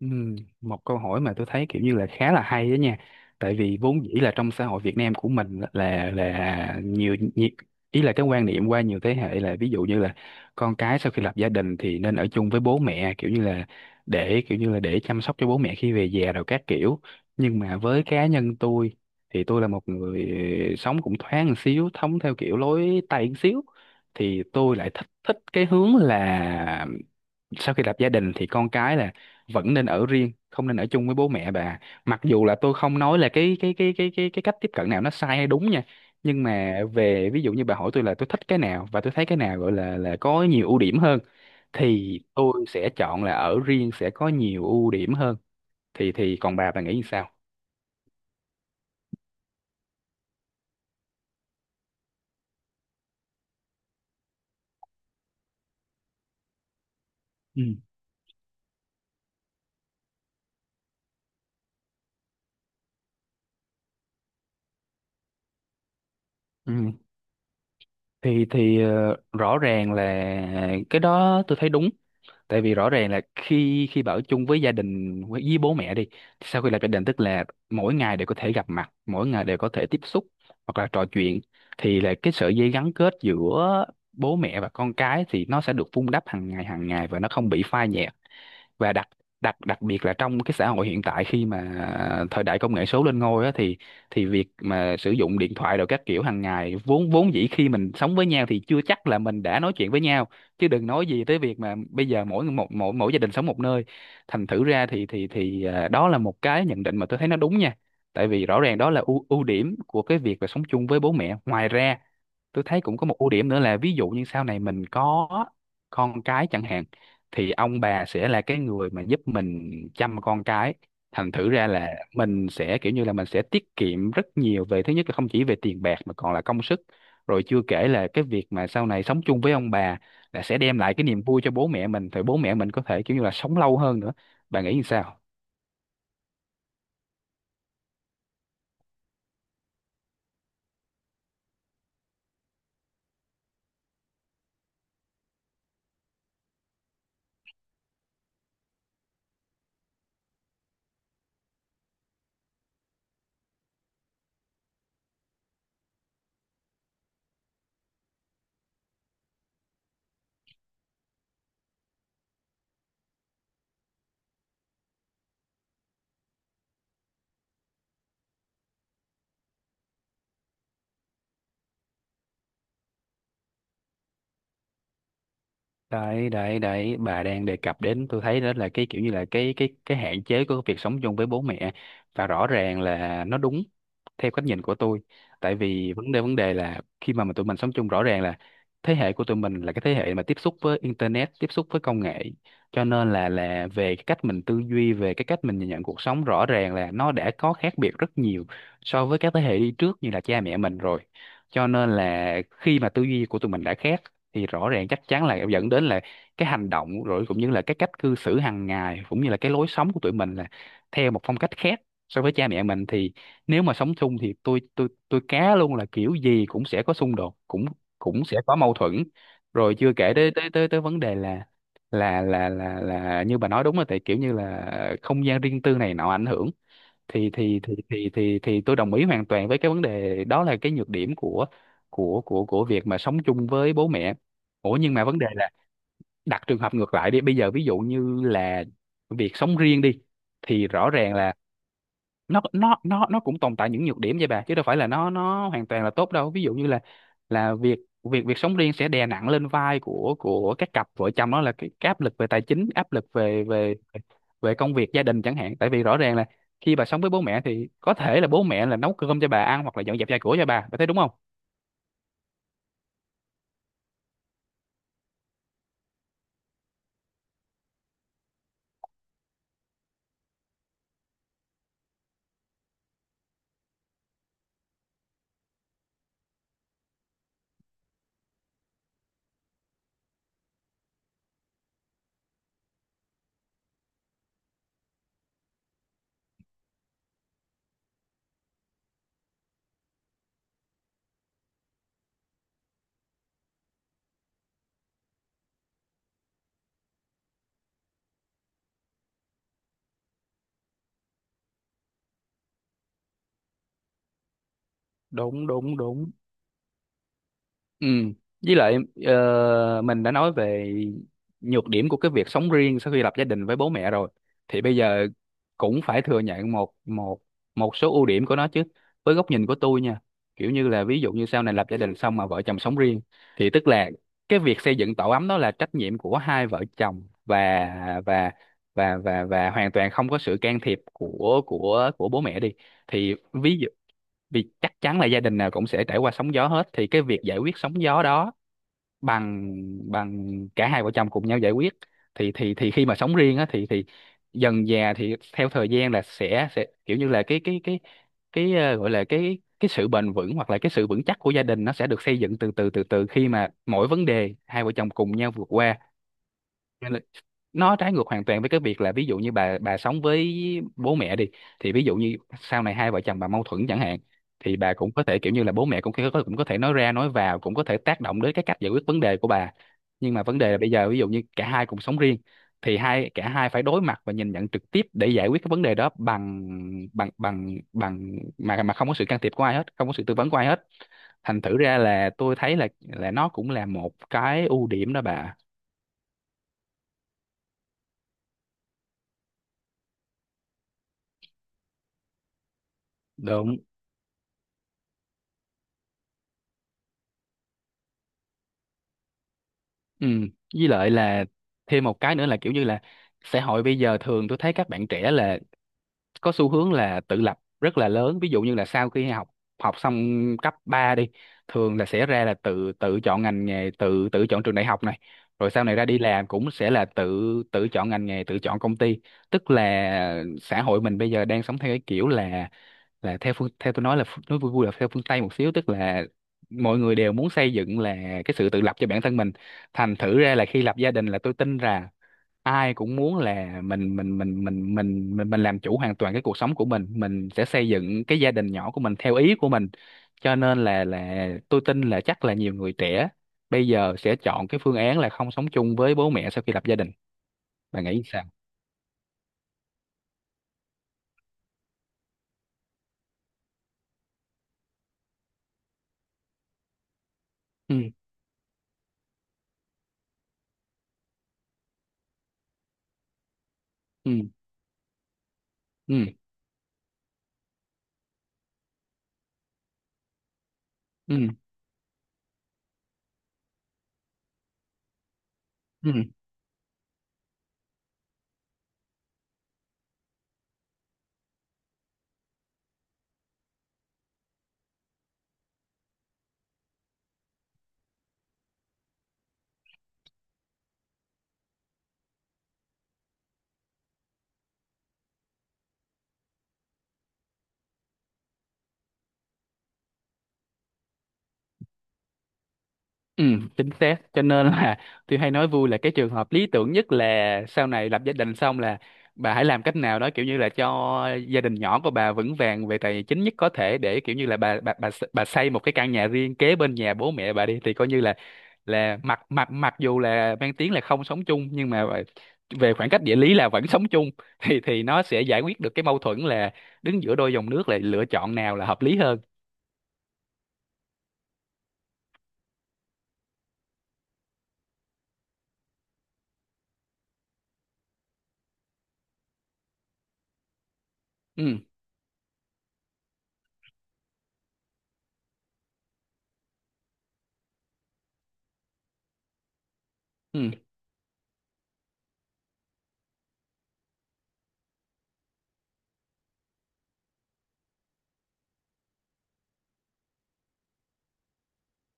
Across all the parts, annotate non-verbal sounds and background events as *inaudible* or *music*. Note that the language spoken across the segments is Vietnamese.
Ừ, một câu hỏi mà tôi thấy kiểu như là khá là hay đó nha, tại vì vốn dĩ là trong xã hội Việt Nam của mình là nhiều, nhiều ý là cái quan niệm qua nhiều thế hệ là ví dụ như là con cái sau khi lập gia đình thì nên ở chung với bố mẹ, kiểu như là để chăm sóc cho bố mẹ khi về già rồi các kiểu. Nhưng mà với cá nhân tôi thì tôi là một người sống cũng thoáng một xíu, sống theo kiểu lối Tây một xíu, thì tôi lại thích thích cái hướng là sau khi lập gia đình thì con cái là vẫn nên ở riêng, không nên ở chung với bố mẹ, bà. Mặc dù là tôi không nói là cái cách tiếp cận nào nó sai hay đúng nha, nhưng mà về ví dụ như bà hỏi tôi là tôi thích cái nào và tôi thấy cái nào gọi là có nhiều ưu điểm hơn thì tôi sẽ chọn là ở riêng sẽ có nhiều ưu điểm hơn. Thì còn bà nghĩ như sao? Ừ. Ừ. Rõ ràng là cái đó tôi thấy đúng, tại vì rõ ràng là khi khi ở chung với gia đình, với bố mẹ đi, sau khi lập gia đình, tức là mỗi ngày đều có thể gặp mặt, mỗi ngày đều có thể tiếp xúc hoặc là trò chuyện, thì là cái sợi dây gắn kết giữa bố mẹ và con cái thì nó sẽ được vun đắp hàng ngày và nó không bị phai nhạt. Và đặc đặc đặc biệt là trong cái xã hội hiện tại, khi mà thời đại công nghệ số lên ngôi á, thì việc mà sử dụng điện thoại rồi các kiểu hàng ngày, vốn vốn dĩ khi mình sống với nhau thì chưa chắc là mình đã nói chuyện với nhau, chứ đừng nói gì tới việc mà bây giờ mỗi một, mỗi mỗi gia đình sống một nơi. Thành thử ra đó là một cái nhận định mà tôi thấy nó đúng nha, tại vì rõ ràng đó là ưu ưu điểm của cái việc là sống chung với bố mẹ. Ngoài ra tôi thấy cũng có một ưu điểm nữa là ví dụ như sau này mình có con cái chẳng hạn, thì ông bà sẽ là cái người mà giúp mình chăm con cái. Thành thử ra là mình sẽ kiểu như là mình sẽ tiết kiệm rất nhiều về, thứ nhất là không chỉ về tiền bạc mà còn là công sức. Rồi chưa kể là cái việc mà sau này sống chung với ông bà là sẽ đem lại cái niềm vui cho bố mẹ mình, thì bố mẹ mình có thể kiểu như là sống lâu hơn nữa. Bạn nghĩ như sao? Đấy đấy đấy, bà đang đề cập đến, tôi thấy đó là cái kiểu như là cái hạn chế của việc sống chung với bố mẹ, và rõ ràng là nó đúng theo cách nhìn của tôi, tại vì vấn đề là khi mà tụi mình sống chung, rõ ràng là thế hệ của tụi mình là cái thế hệ mà tiếp xúc với internet, tiếp xúc với công nghệ, cho nên là về cái cách mình tư duy, về cái cách mình nhìn nhận cuộc sống, rõ ràng là nó đã có khác biệt rất nhiều so với các thế hệ đi trước như là cha mẹ mình rồi. Cho nên là khi mà tư duy của tụi mình đã khác thì rõ ràng chắc chắn là dẫn đến là cái hành động rồi cũng như là cái cách cư xử hàng ngày, cũng như là cái lối sống của tụi mình là theo một phong cách khác so với cha mẹ mình. Thì nếu mà sống chung thì tôi cá luôn là kiểu gì cũng sẽ có xung đột, cũng cũng sẽ có mâu thuẫn. Rồi chưa kể tới tới tới tới vấn đề là là như bà nói, đúng là tại kiểu như là không gian riêng tư này nọ ảnh hưởng, thì tôi đồng ý hoàn toàn với cái vấn đề đó, là cái nhược điểm của của việc mà sống chung với bố mẹ. Ủa nhưng mà vấn đề là đặt trường hợp ngược lại đi, bây giờ ví dụ như là việc sống riêng đi, thì rõ ràng là nó cũng tồn tại những nhược điểm vậy bà, chứ đâu phải là nó hoàn toàn là tốt đâu. Ví dụ như là việc việc việc sống riêng sẽ đè nặng lên vai của các cặp vợ chồng, đó là cái áp lực về tài chính, áp lực về về về công việc gia đình chẳng hạn. Tại vì rõ ràng là khi bà sống với bố mẹ thì có thể là bố mẹ là nấu cơm cho bà ăn, hoặc là dọn dẹp nhà cửa cho bà thấy đúng không? Đúng, đúng, đúng. Ừ. Với lại mình đã nói về nhược điểm của cái việc sống riêng sau khi lập gia đình với bố mẹ rồi, thì bây giờ cũng phải thừa nhận một một một số ưu điểm của nó chứ, với góc nhìn của tôi nha. Kiểu như là ví dụ như sau này lập gia đình xong mà vợ chồng sống riêng thì tức là cái việc xây dựng tổ ấm đó là trách nhiệm của hai vợ chồng, và hoàn toàn không có sự can thiệp của bố mẹ đi. Thì vì chắc chắn là gia đình nào cũng sẽ trải qua sóng gió hết, thì cái việc giải quyết sóng gió đó bằng bằng cả hai vợ chồng cùng nhau giải quyết, thì khi mà sống riêng á thì dần dà thì theo thời gian là sẽ kiểu như là gọi là cái sự bền vững, hoặc là cái sự vững chắc của gia đình, nó sẽ được xây dựng từ từ khi mà mỗi vấn đề hai vợ chồng cùng nhau vượt qua. Nên là nó trái ngược hoàn toàn với cái việc là, ví dụ như bà sống với bố mẹ đi, thì ví dụ như sau này hai vợ chồng bà mâu thuẫn chẳng hạn, thì bà cũng có thể kiểu như là bố mẹ cũng có thể nói ra nói vào, cũng có thể tác động đến cái cách giải quyết vấn đề của bà. Nhưng mà vấn đề là bây giờ ví dụ như cả hai cùng sống riêng, thì cả hai phải đối mặt và nhìn nhận trực tiếp để giải quyết cái vấn đề đó bằng bằng bằng bằng mà không có sự can thiệp của ai hết, không có sự tư vấn của ai hết. Thành thử ra là tôi thấy là nó cũng là một cái ưu điểm đó bà. Đúng. Ừ, với lại là thêm một cái nữa là kiểu như là xã hội bây giờ thường tôi thấy các bạn trẻ là có xu hướng là tự lập rất là lớn, ví dụ như là sau khi học học xong cấp 3 đi, thường là sẽ ra là tự tự chọn ngành nghề, tự tự chọn trường đại học này, rồi sau này ra đi làm cũng sẽ là tự tự chọn ngành nghề, tự chọn công ty. Tức là xã hội mình bây giờ đang sống theo cái kiểu là theo tôi nói là nói vui vui là theo phương Tây một xíu, tức là mọi người đều muốn xây dựng là cái sự tự lập cho bản thân mình. Thành thử ra là khi lập gia đình là tôi tin rằng ai cũng muốn là mình mình làm chủ hoàn toàn cái cuộc sống của mình sẽ xây dựng cái gia đình nhỏ của mình theo ý của mình. Cho nên là tôi tin là chắc là nhiều người trẻ bây giờ sẽ chọn cái phương án là không sống chung với bố mẹ sau khi lập gia đình. Bạn nghĩ sao? Ừ, ừ, ừ, ừ. Ừ, chính xác. Cho nên là *laughs* tôi hay nói vui là cái trường hợp lý tưởng nhất là sau này lập gia đình xong là bà hãy làm cách nào đó, kiểu như là cho gia đình nhỏ của bà vững vàng về tài chính nhất có thể, để kiểu như là bà xây một cái căn nhà riêng kế bên nhà bố mẹ bà đi, thì coi như là mặc mặc mặc dù là mang tiếng là không sống chung nhưng mà về khoảng cách địa lý là vẫn *laughs* sống chung, thì nó sẽ giải quyết được cái mâu thuẫn là đứng giữa đôi dòng nước là lựa chọn nào là hợp lý hơn. Ừ, ừ,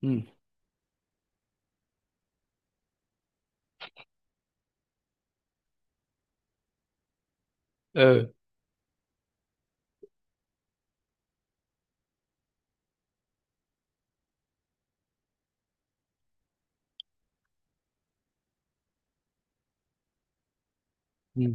ừ, ừ.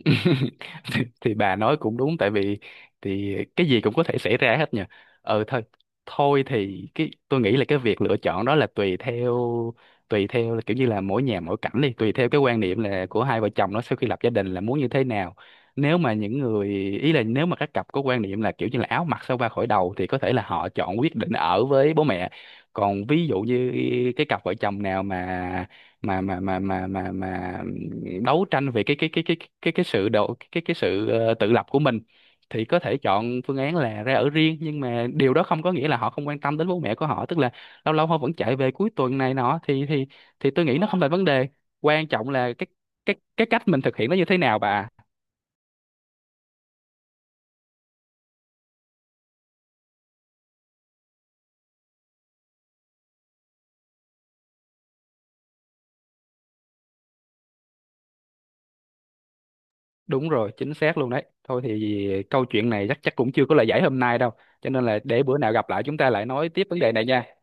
*laughs* Thì, bà nói cũng đúng, tại vì cái gì cũng có thể xảy ra hết nhỉ. Thôi, thôi thì cái tôi nghĩ là cái việc lựa chọn đó là tùy theo, là kiểu như là mỗi nhà mỗi cảnh đi, tùy theo cái quan niệm là của hai vợ chồng nó sau khi lập gia đình là muốn như thế nào. Nếu mà những người, ý là nếu mà các cặp có quan niệm là kiểu như là áo mặc sao ba khỏi đầu thì có thể là họ chọn quyết định ở với bố mẹ. Còn ví dụ như cái cặp vợ chồng nào mà đấu tranh về cái sự tự lập của mình, thì có thể chọn phương án là ra ở riêng. Nhưng mà điều đó không có nghĩa là họ không quan tâm đến bố mẹ của họ, tức là lâu lâu họ vẫn chạy về cuối tuần này nọ, thì tôi nghĩ nó không là vấn đề. Quan trọng là cái cách mình thực hiện nó như thế nào, bà à? Đúng rồi, chính xác luôn đấy. Thôi thì câu chuyện này chắc chắc cũng chưa có lời giải hôm nay đâu, cho nên là để bữa nào gặp lại chúng ta lại nói tiếp vấn đề này nha.